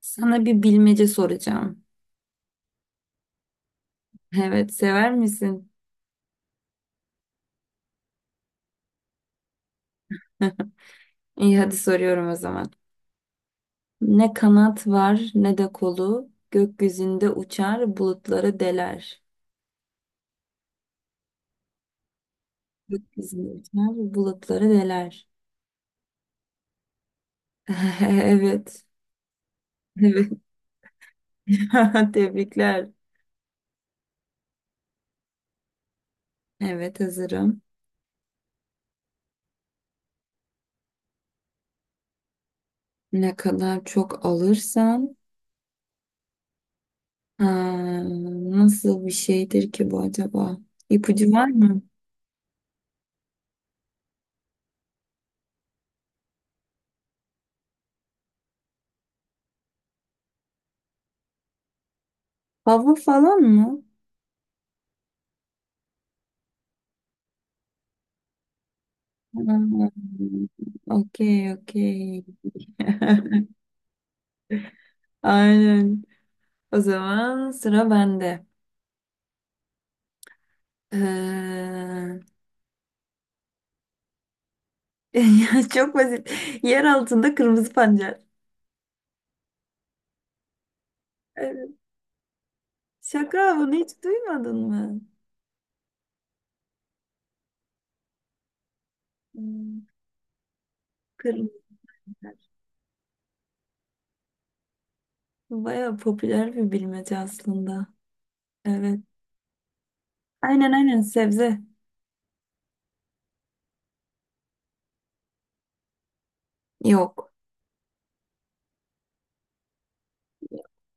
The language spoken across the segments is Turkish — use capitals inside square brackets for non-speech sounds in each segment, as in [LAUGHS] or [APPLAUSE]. Sana bir bilmece soracağım. Evet, sever misin? [LAUGHS] İyi, hadi soruyorum o zaman. Ne kanat var ne de kolu, gökyüzünde uçar bulutları deler. Gökyüzünde uçar bulutları deler. [LAUGHS] Evet, evet. [LAUGHS] Tebrikler. Evet, hazırım. Ne kadar çok alırsan. Ha, nasıl bir şeydir ki bu acaba? İpucu var mı? Hava falan mı? Ha, okey, okey. [LAUGHS] Aynen. O zaman sıra bende. Ee, [LAUGHS] ya çok basit. Yer altında kırmızı pancar. Evet. Şaka, bunu hiç duymadın mı? Hmm. Kırmızı pancar. Baya popüler bir bilmece aslında. Evet. Aynen aynen, sebze. Yok.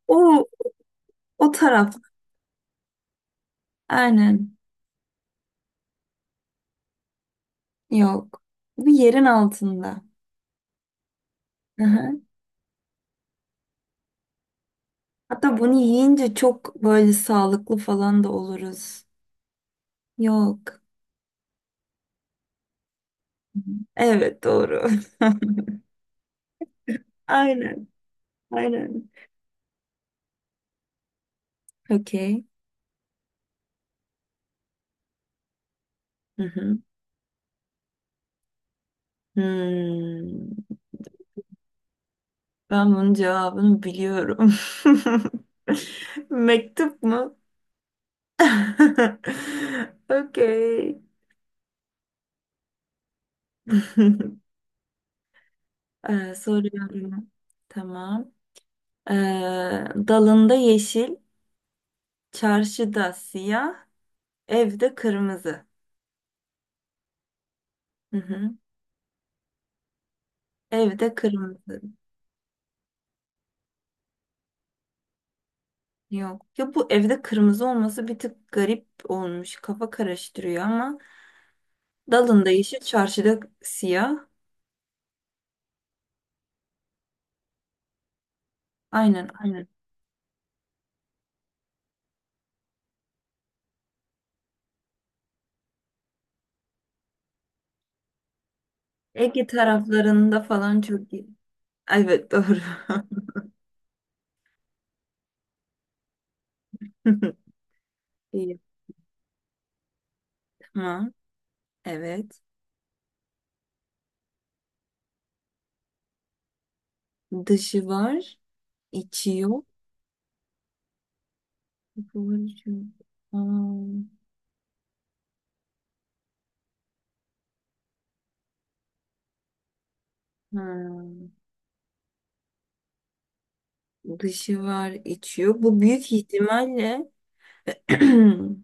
O o taraf. Aynen. Yok. Bu yerin altında. Aha. Hatta bunu yiyince çok böyle sağlıklı falan da oluruz. Yok. Evet, doğru. [LAUGHS] Aynen. Aynen. Okey. Hı hı. Hmm. Ben bunun cevabını biliyorum. [LAUGHS] Mektup mu? [LAUGHS] Okey. [LAUGHS] Soruyorum. Tamam. Ee, dalında yeşil, çarşıda siyah, evde kırmızı. Hı hı. Evde kırmızı. Yok. Ya bu evde kırmızı olması bir tık garip olmuş. Kafa karıştırıyor ama dalında yeşil, çarşıda siyah. Aynen, aynen. Ege taraflarında falan çok iyi. Evet, doğru. [LAUGHS] İyi, tamam. Evet. Dışı var, içi yok. Burcu. Hmm, hmm. Dışı var, içi yok. Bu büyük ihtimalle [CLEARS THROAT]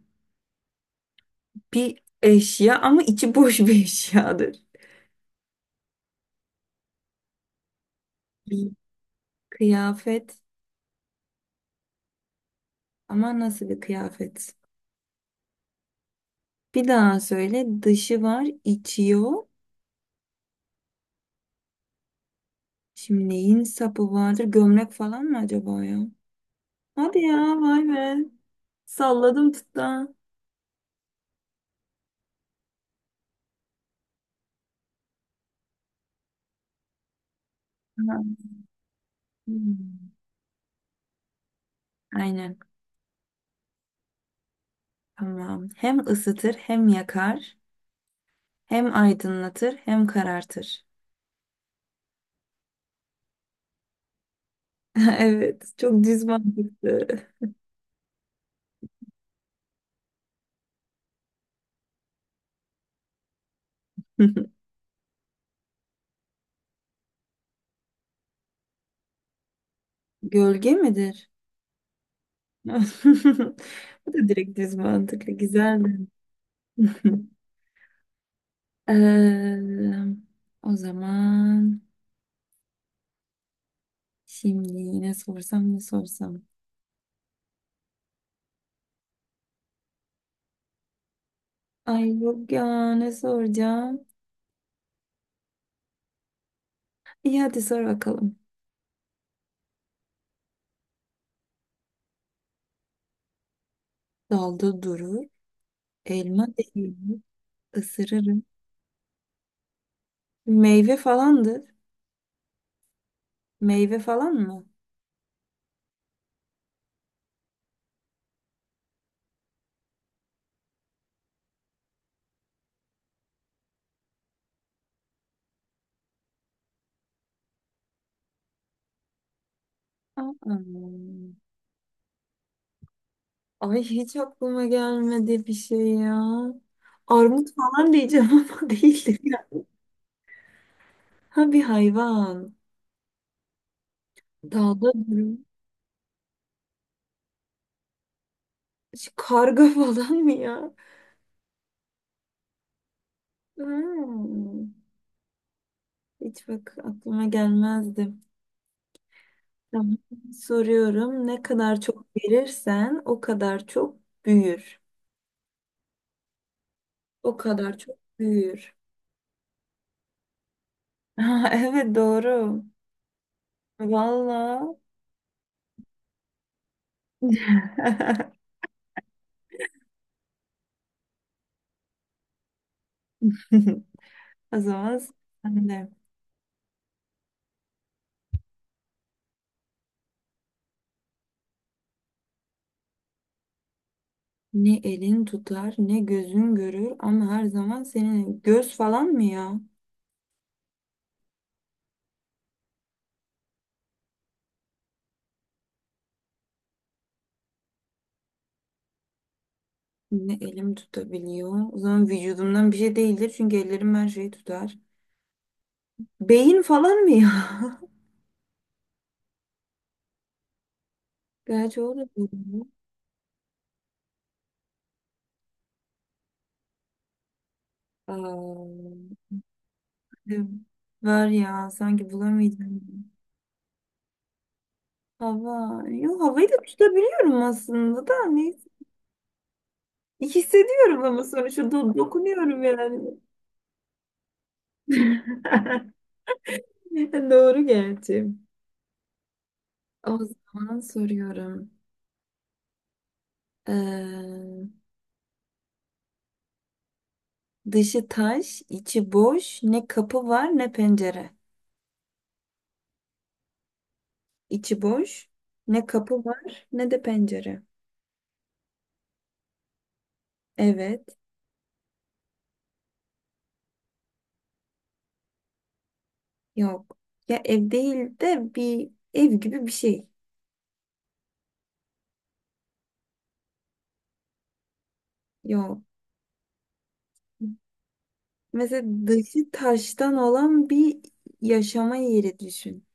bir eşya ama içi boş bir eşyadır. Bir kıyafet. Ama nasıl bir kıyafet? Bir daha söyle. Dışı var, içi yok. Şimdi neyin sapı vardır? Gömlek falan mı acaba ya? Hadi ya, vay be. Salladım tuttu. Ha. Hmm. Aynen. Tamam. Hem ısıtır, hem yakar, hem aydınlatır, hem karartır. [LAUGHS] Evet, çok düz mantıklı. [LAUGHS] Gölge midir? [LAUGHS] Bu da direkt düz mantıklı. Güzeldi. [LAUGHS] Eee, o zaman şimdi ne sorsam, ne sorsam. Ay yok ya, ne soracağım. İyi, hadi sor bakalım. Dalda durur. Elma değildir. Isırırım. Meyve falandır. Meyve falan mı? Aa, ay hiç aklıma gelmedi bir şey ya. Armut falan diyeceğim [LAUGHS] ama değildir ya. Ha, bir hayvan. Dalda durur. Şu karga [LAUGHS] falan mı ya? Hmm. Hiç bak aklıma gelmezdi. Tamam. Soruyorum. Ne kadar çok verirsen o kadar çok büyür. O kadar çok büyür. [LAUGHS] Ha, evet, doğru. Valla. [LAUGHS] O zaman sen de. Ne elin tutar ne gözün görür ama her zaman senin, göz falan mı ya? Ne elim tutabiliyor? O zaman vücudumdan bir şey değildir çünkü ellerim her şeyi tutar. Beyin falan mı ya? [LAUGHS] Gerçi o da doğru. Aa. Ee. Var ya sanki bulamayacağım. Hava. Yo, havayı da tutabiliyorum aslında da neyse. Hissediyorum ama sonuçta dokunuyorum yani. [LAUGHS] Doğru gerçi. O zaman soruyorum. Ee, dışı taş, içi boş, ne kapı var ne pencere. İçi boş, ne kapı var ne de pencere. Evet, yok. Ya ev değil de bir ev gibi bir şey. Yok. Mesela dışı taştan olan bir yaşama yeri düşün.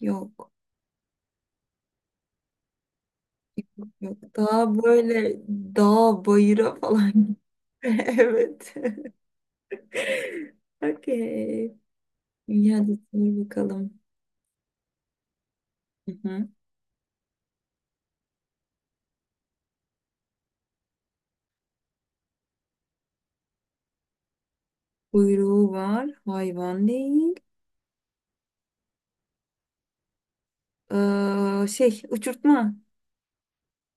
Yok. Yok. Daha böyle dağ bayıra falan. [LAUGHS] Evet. [LAUGHS] Okey. İyi, hadi sor bakalım. Hı hı. Kuyruğu var. Hayvan değil. Şey, uçurtma.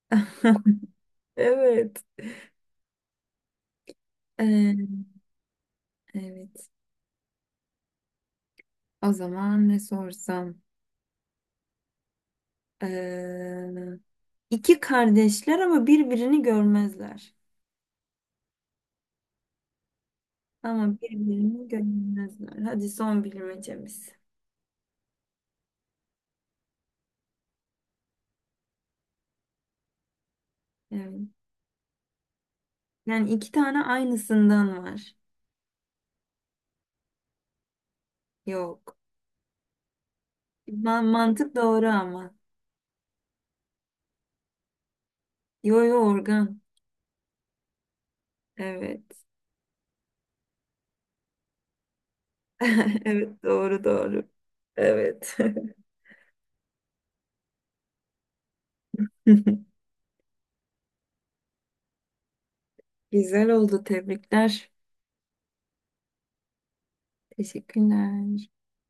[LAUGHS] Evet. Ee, evet. O zaman ne sorsam? Ee, iki kardeşler ama birbirini görmezler. Ama birbirini görmezler. Hadi son bilmecemiz. Evet. Yani iki tane aynısından var. Yok. Mantık doğru ama. Yo yo, organ. Evet. [LAUGHS] Evet, doğru doğru. Evet. [LAUGHS] Güzel oldu. Tebrikler. Teşekkürler.